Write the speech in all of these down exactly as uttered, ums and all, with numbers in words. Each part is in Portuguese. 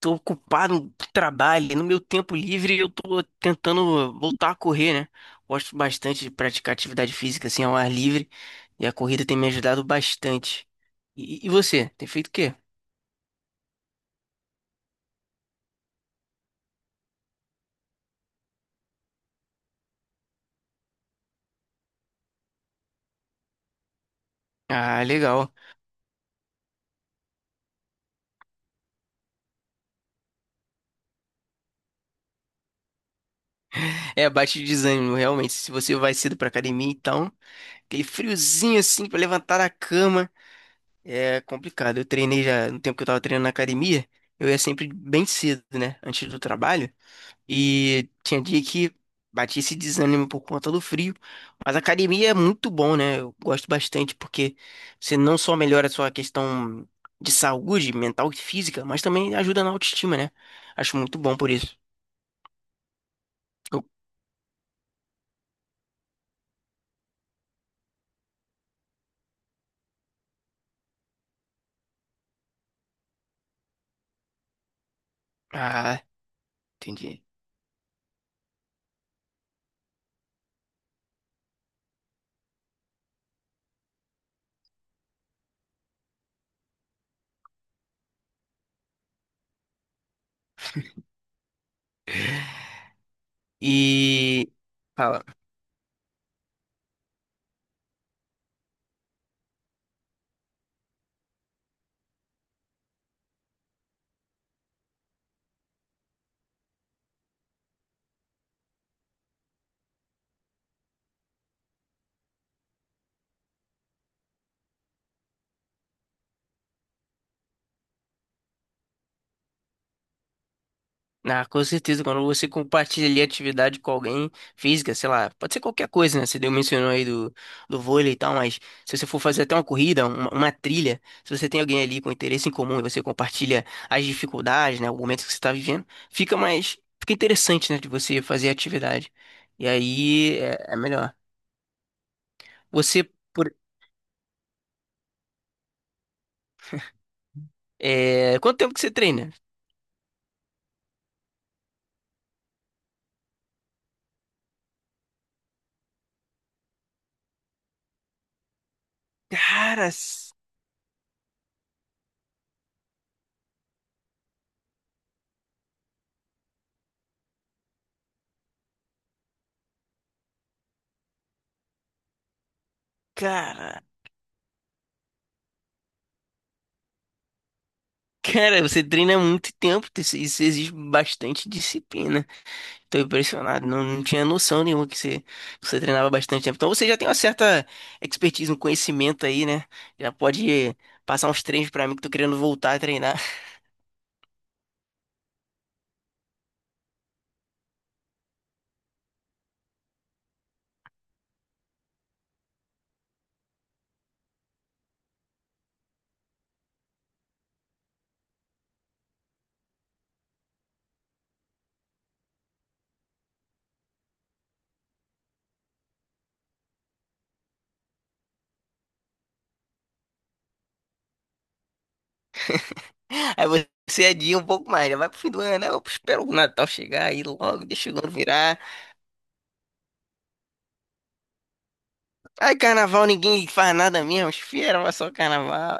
Tô ocupado, trabalho, no meu tempo livre eu tô tentando voltar a correr, né? Gosto bastante de praticar atividade física assim ao ar livre e a corrida tem me ajudado bastante. E, e você, tem feito o quê? Ah, legal. É, bate de desânimo, realmente. Se você vai cedo pra academia, então, aquele friozinho assim pra levantar da cama é complicado. Eu treinei já no tempo que eu tava treinando na academia, eu ia sempre bem cedo, né? Antes do trabalho. E tinha dia que batia esse desânimo por conta do frio. Mas a academia é muito bom, né? Eu gosto bastante porque você não só melhora a sua questão de saúde mental e física, mas também ajuda na autoestima, né? Acho muito bom por isso. Eu- Ah, entendi. E. Fala. Ah, com certeza, quando você compartilha ali atividade com alguém física, sei lá, pode ser qualquer coisa, né? Você deu mencionou aí do, do vôlei e tal, mas se você for fazer até uma corrida, uma, uma trilha, se você tem alguém ali com interesse em comum e você compartilha as dificuldades, né? O momento que você está vivendo, fica mais, fica interessante, né? De você fazer atividade. E aí é, é melhor. Você, por, É, quanto tempo que você treina? Cara, s- cara, cara, você treina há muito tempo, isso isso exige bastante disciplina. Tô impressionado, não, não tinha noção nenhuma que você, que você treinava bastante tempo. Então você já tem uma certa expertise, um conhecimento aí, né? Já pode passar uns treinos pra mim que tô querendo voltar a treinar. Aí você adia um pouco mais, já vai pro fim do ano, né? Eu espero o Natal chegar aí logo, deixa o ano virar. Ai, carnaval, ninguém faz nada mesmo, espera, mas só carnaval.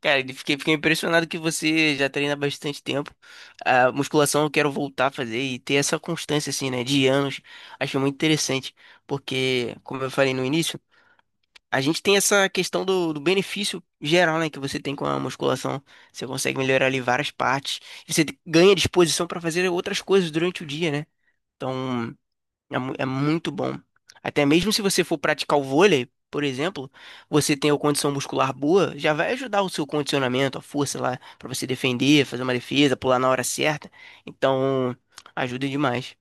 Cara, ele- fiquei, fiquei impressionado que você já treina há bastante tempo. A musculação eu quero voltar a fazer e ter essa constância, assim, né, de anos. Acho muito interessante, porque, como eu falei no início, a gente tem essa questão do, do benefício geral, né, que você tem com a musculação. Você consegue melhorar ali várias partes. Você ganha disposição para fazer outras coisas durante o dia, né? Então. É, mu- é muito bom. Até mesmo se você for praticar o vôlei, por exemplo, você tem a condição muscular boa, já vai ajudar o seu condicionamento, a força lá, pra você defender, fazer uma defesa, pular na hora certa. Então, ajuda demais.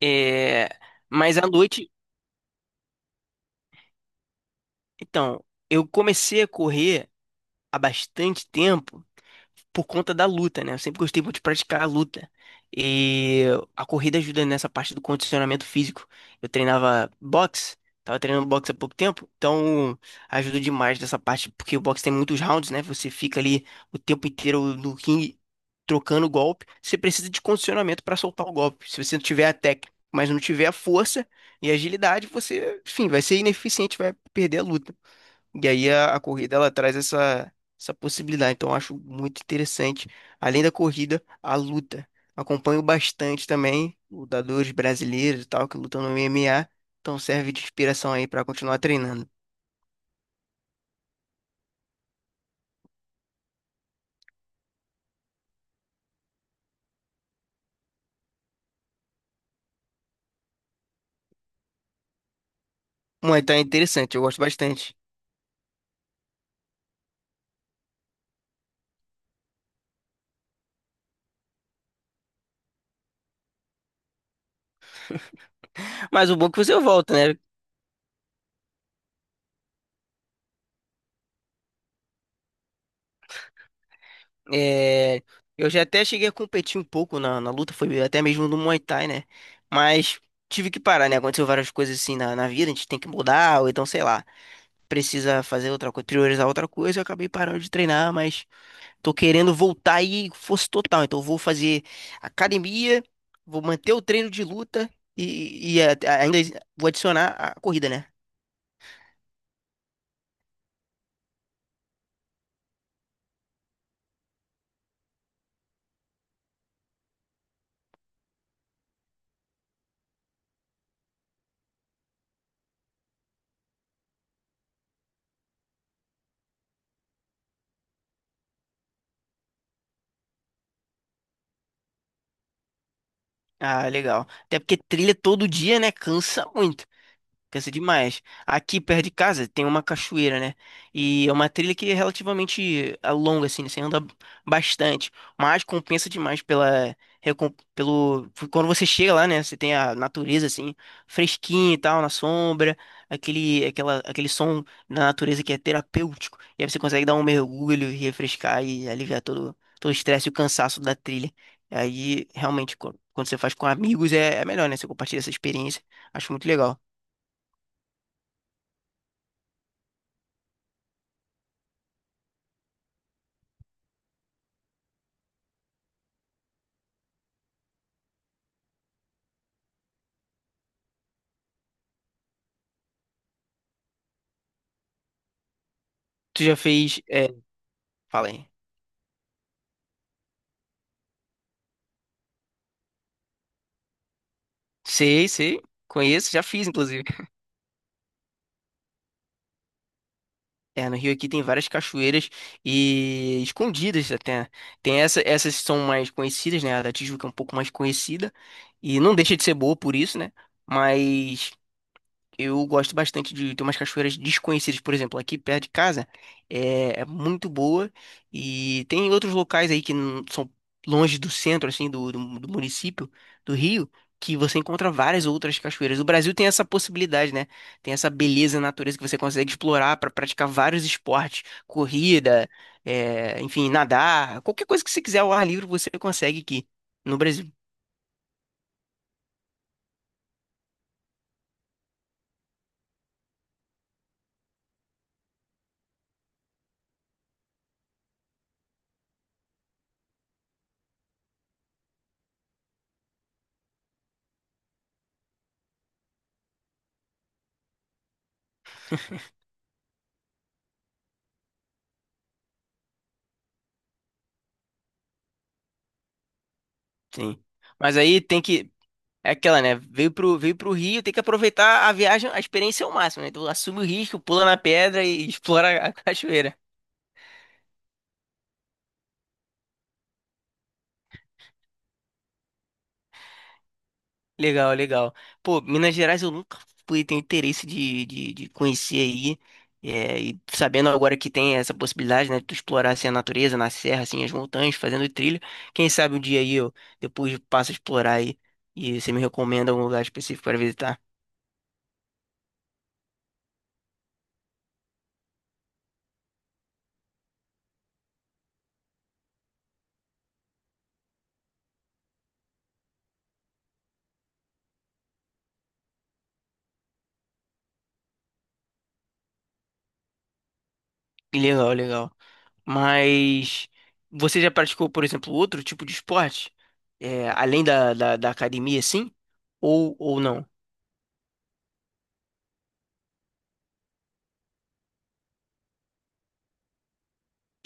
É, mas à noite, então, eu comecei a correr há bastante tempo, por conta da luta, né? Eu sempre gostei muito de praticar a luta. E a corrida ajuda nessa parte do condicionamento físico. Eu treinava boxe, tava treinando boxe há pouco tempo, então ajuda demais nessa parte, porque o boxe tem muitos rounds, né? Você fica ali o tempo inteiro no ringue trocando golpe. Você precisa de condicionamento para soltar o golpe. Se você não tiver a técnica, mas não tiver a força e a agilidade, você, enfim, vai ser ineficiente, vai perder a luta. E aí a, a corrida ela traz essa, essa possibilidade. Então eu acho muito interessante. Além da corrida, a luta. Acompanho bastante também lutadores brasileiros e tal que lutam no M M A. Então serve de inspiração aí para continuar treinando. Muay Thai é interessante, eu gosto bastante. Mas o bom é que você volta, né? É, eu já até cheguei a competir um pouco na, na luta, foi até mesmo no Muay Thai, né? Mas tive que parar, né? Aconteceu várias coisas assim na, na vida, a gente tem que mudar, ou então sei lá, precisa fazer outra coisa, priorizar outra coisa, eu acabei parando de treinar, mas tô querendo voltar aí força total. Então eu vou fazer academia, vou manter o treino de luta e, e a- a- ainda vou adicionar a corrida, né? Ah, legal. Até porque trilha todo dia, né? Cansa muito. Cansa demais. Aqui perto de casa tem uma cachoeira, né? E é uma trilha que é relativamente ah, longa, assim, né? Você anda bastante. Mas compensa demais pela. recom- pelo, quando você chega lá, né? Você tem a natureza, assim, fresquinha e tal, na sombra, aquele, aquela, aquele som da natureza que é terapêutico. E aí você consegue dar um mergulho e refrescar e aliviar todo, todo o estresse e o cansaço da trilha. Aí, realmente, quando quando você faz com amigos, é, é melhor, né? Você compartilha essa experiência. Acho muito legal. Tu já fez. É, fala aí. Sei, sei. Conheço, já fiz, inclusive. É, no Rio aqui tem várias cachoeiras e escondidas até. Tem essa, essas que são mais conhecidas, né? A da Tijuca é um pouco mais conhecida. E não deixa de ser boa por isso, né? Mas eu gosto bastante de ter umas cachoeiras desconhecidas, por exemplo, aqui perto de casa é, é muito boa e tem outros locais aí que não são longe do centro, assim, do, do, do município do Rio, que você encontra várias outras cachoeiras. O Brasil tem essa possibilidade, né? Tem essa beleza na natureza que você consegue explorar para praticar vários esportes, corrida, é, enfim, nadar, qualquer coisa que você quiser ao ar livre você consegue aqui no Brasil. Sim. Mas aí tem que É aquela, né? Veio pro, veio pro Rio, tem que aproveitar a viagem, a experiência ao máximo, né? Então assume o risco, pula na pedra e explora a cachoeira. Legal, legal. Pô, Minas Gerais eu nunca fui, tenho interesse de, de, de conhecer aí. É, e sabendo agora que tem essa possibilidade, né? De tu explorar assim, a natureza, na serra, assim, as montanhas, fazendo trilha. Quem sabe um dia aí eu depois passo a explorar aí e você me recomenda algum lugar específico para visitar. Legal, legal. Mas você já praticou, por exemplo, outro tipo de esporte? É, além da, da, da academia, sim? Ou, ou não?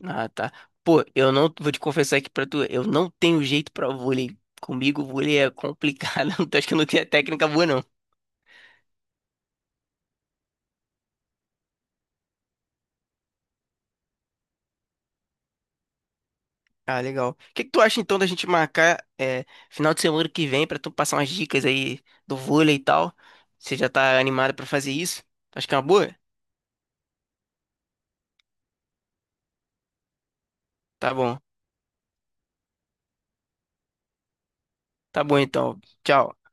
Ah, tá. Pô, eu não vou te confessar aqui pra tu, eu não tenho jeito pra vôlei. Comigo, vôlei é complicado. Então acho que eu não tenho a técnica boa, não. Ah, legal. O que que tu acha então da gente marcar é, final de semana que vem pra tu passar umas dicas aí do vôlei e tal? Você já tá animado pra fazer isso? Acho que é uma boa? Tá bom. Tá bom então. Tchau.